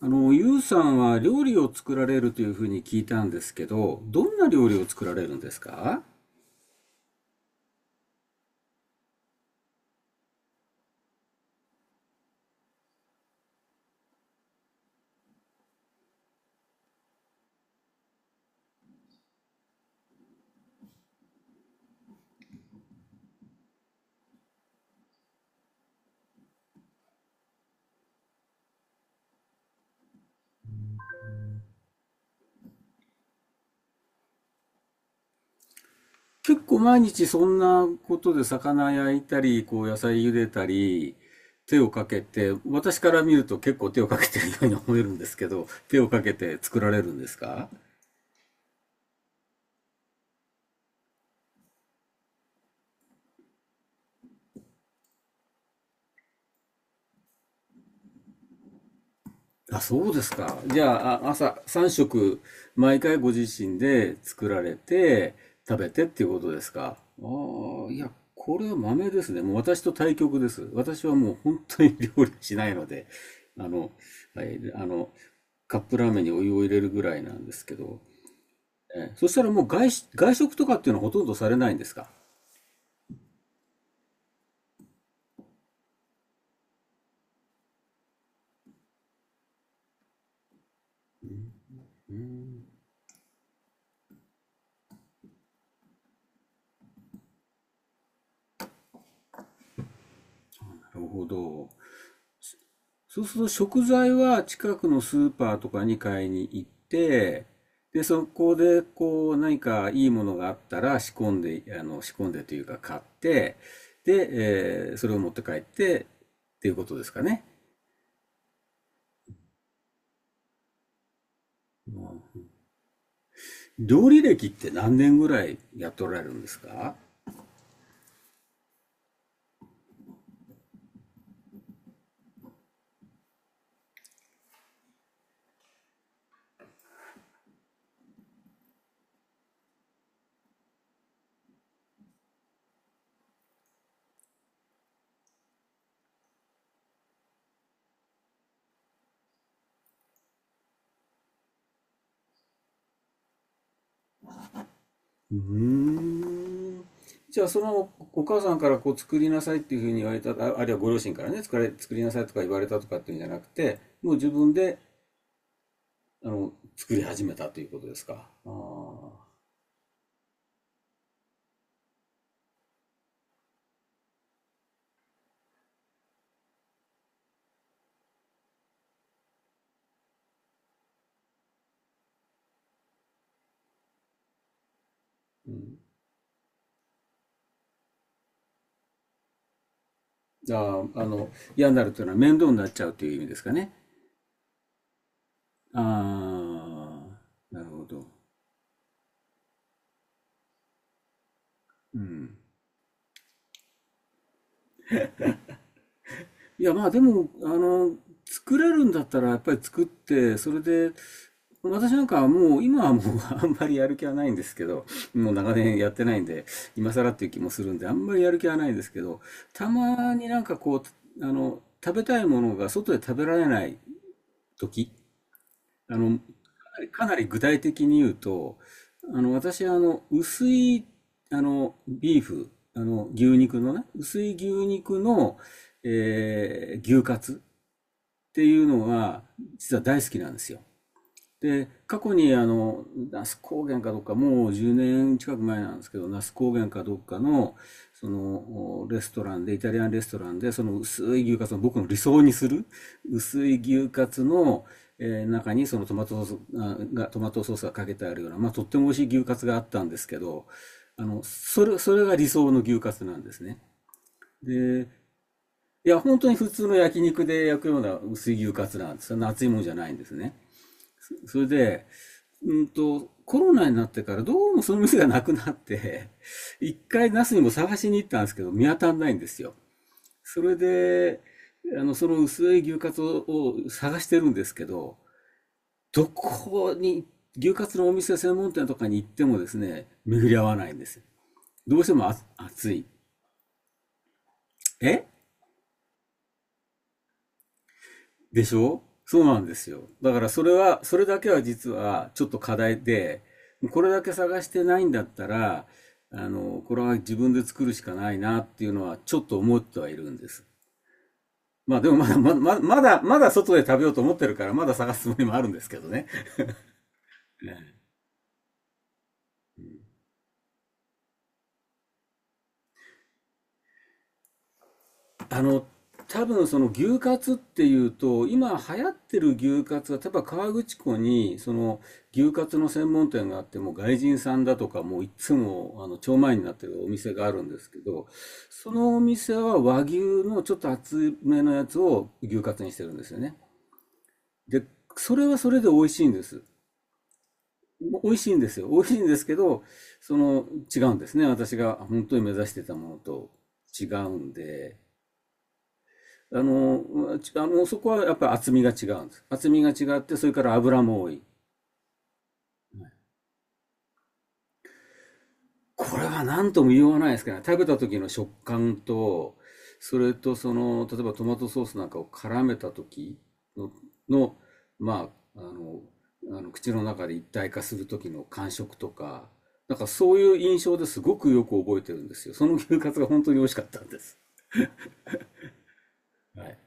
ゆうさんは料理を作られるというふうに聞いたんですけど、どんな料理を作られるんですか？結構毎日そんなことで魚焼いたり、こう野菜茹でたり、手をかけて、私から見ると結構手をかけてるように思えるんですけど、手をかけて作られるんですか？あ、そうですか。じゃあ、朝3食、毎回ご自身で作られて、食べてっていうことですか？ああ、いや、これは豆ですね。もう私と対極です。私はもう本当に料理しないので、あの、はい、あの、カップラーメンにお湯を入れるぐらいなんですけど、そしたらもう外食とかっていうのはほとんどされないんですか？うん、うん、なるほど。そうすると食材は近くのスーパーとかに買いに行って、で、そこでこう何かいいものがあったら仕込んで、仕込んでというか買って、で、それを持って帰ってっていうことですかね？うん。料理歴って何年ぐらいやっておられるんですか？うーん。じゃあそのお母さんからこう作りなさいっていうふうに言われた、あ、あるいはご両親からね、作れ、作りなさいとか言われたとかっていうんじゃなくて、もう自分で作り始めたということですか？ああ、うん。ああ、嫌になるというのは面倒になっちゃうという意味ですかね？ああ、なるほど。うん。いや、まあでも、作れるんだったらやっぱり作って、それで、私なんかはもう、今はもう あんまりやる気はないんですけど、もう長年やってないんで、今更っていう気もするんで、あんまりやる気はないんですけど、たまになんかこう、食べたいものが外で食べられない時、あの、かなり具体的に言うと、私は薄い、ビーフ、牛肉のね、薄い牛肉の、牛カツっていうのが、実は大好きなんですよ。で、過去に那須高原かどっか、もう10年近く前なんですけど、那須高原かどっかの、その、レストランで、イタリアンレストランで、その薄い牛カツの、僕の理想にする、薄い牛カツの、中にそのトマトソースが、かけてあるような、まあ、とっても美味しい牛カツがあったんですけど、それが理想の牛カツなんですね。で、いや、本当に普通の焼肉で焼くような薄い牛カツなんですよ。熱いもんじゃないんですね。それで、コロナになってからどうもその店がなくなって、一回ナスにも探しに行ったんですけど、見当たんないんですよ。それで、その薄い牛カツを探してるんですけど、どこに、牛カツのお店専門店とかに行ってもですね、巡り合わないんです。どうしても、あ、暑い。えでしょ、そうなんですよ。だからそれは、それだけは実はちょっと課題で、これだけ探してないんだったら、これは自分で作るしかないなっていうのはちょっと思ってはいるんです。まあでもまだ、まだまだ、まだ外で食べようと思ってるから、まだ探すつもりもあるんですけどね。あの、多分その牛カツっていうと、今流行ってる牛カツは、例えば河口湖に、その牛カツの専門店があって、もう外人さんだとか、もういつも、超前になってるお店があるんですけど、そのお店は和牛のちょっと厚めのやつを牛カツにしてるんですよね。で、それはそれで美味しいんです。美味しいんですよ。美味しいんですけど、その、違うんですね。私が本当に目指してたものと違うんで。うち、そこはやっぱり厚みが違うんです。厚みが違って、それから油も多い。これは何とも言わないですけどね。食べた時の食感と、それとその、例えばトマトソースなんかを絡めた時の、の、まあ、口の中で一体化する時の感触とか、なんかそういう印象ですごくよく覚えてるんですよ。その牛カツが本当に美味しかったんです。はい。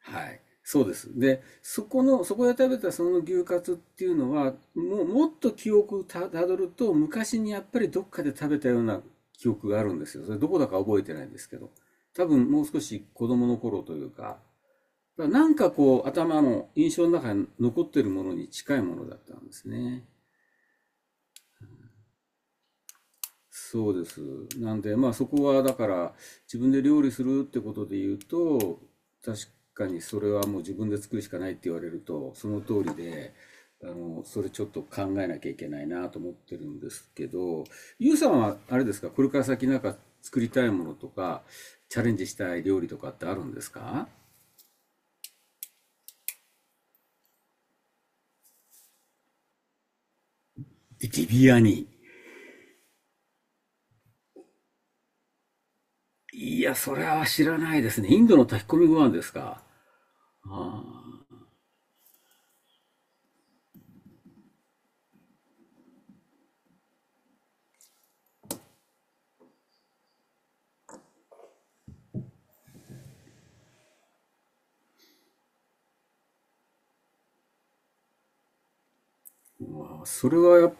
はい、そうです。で、そこで食べたその牛カツっていうのは、もうもっと記憶をたどると、昔にやっぱりどっかで食べたような記憶があるんですよ。それどこだか覚えてないんですけど、多分もう少し子供の頃というか、だからなんかこう頭の印象の中に残ってるものに近いものだったんですね。そうです。なんで、まあそこはだから自分で料理するってことで言うと、確かにそれはもう自分で作るしかないって言われると、その通りで、それちょっと考えなきゃいけないなと思ってるんですけど、ゆうさんはあれですか、これから先なんか作りたいものとか、チャレンジしたい料理とかってあるんですか？ビビアニ。いや、それは知らないですね。インドの炊き込みご飯ですか。ああ、うわ、それはやっ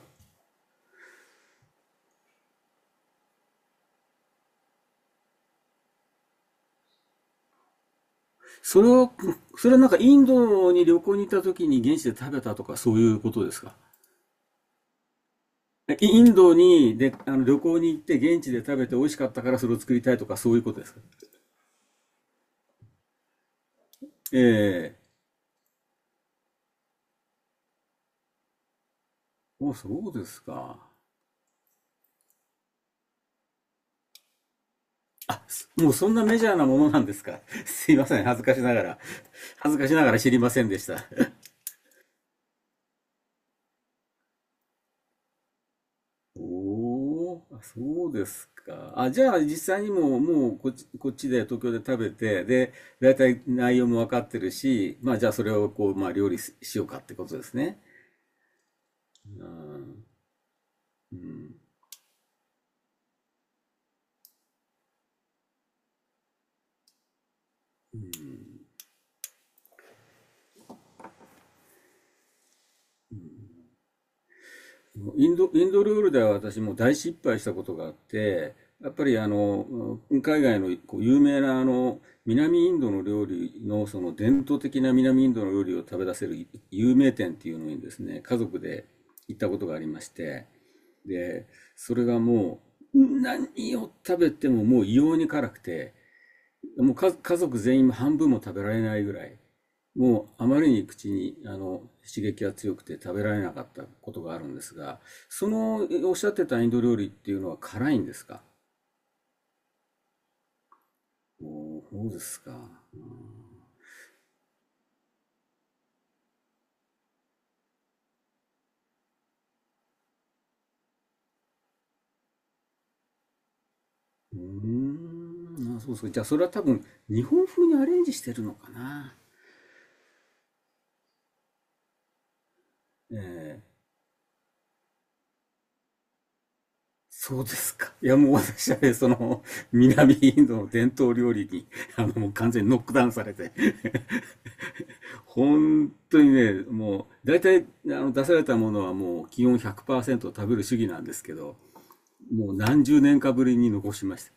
それは、それはなんかインドに旅行に行った時に現地で食べたとかそういうことですか？インドにで、旅行に行って現地で食べて美味しかったからそれを作りたいとかそういうことですか？ええ、そうですか。あ、もうそんなメジャーなものなんですか？ すいません。恥ずかしながら。恥ずかしながら知りませんでした。おー、あ、そうですか。あ、じゃあ実際にもうこっちで東京で食べて、で、だいたい内容も分かってるし、まあじゃあそれをこう、まあ料理しようかってことですね。うん。うん。インドルールでは私も大失敗したことがあって、やっぱり海外のこう有名な南インドの料理のその伝統的な南インドの料理を食べ出せる有名店っていうのにですね、家族で行ったことがありまして、で、それがもう、何を食べてももう異様に辛くて、もう家族全員半分も食べられないぐらい、もうあまりに口に刺激が強くて食べられなかったことがあるんですが、そのおっしゃってたインド料理っていうのは辛いんですか？おー、そうですか。うーん、あ、そうそう。じゃあそれは多分日本風にアレンジしてるのかな。えーそうですか。いやもう私はね、その南インドの伝統料理にもう完全にノックダウンされて。本当にね、もう、大体、出されたものはもう、基本100%食べる主義なんですけど、もう何十年かぶりに残しました。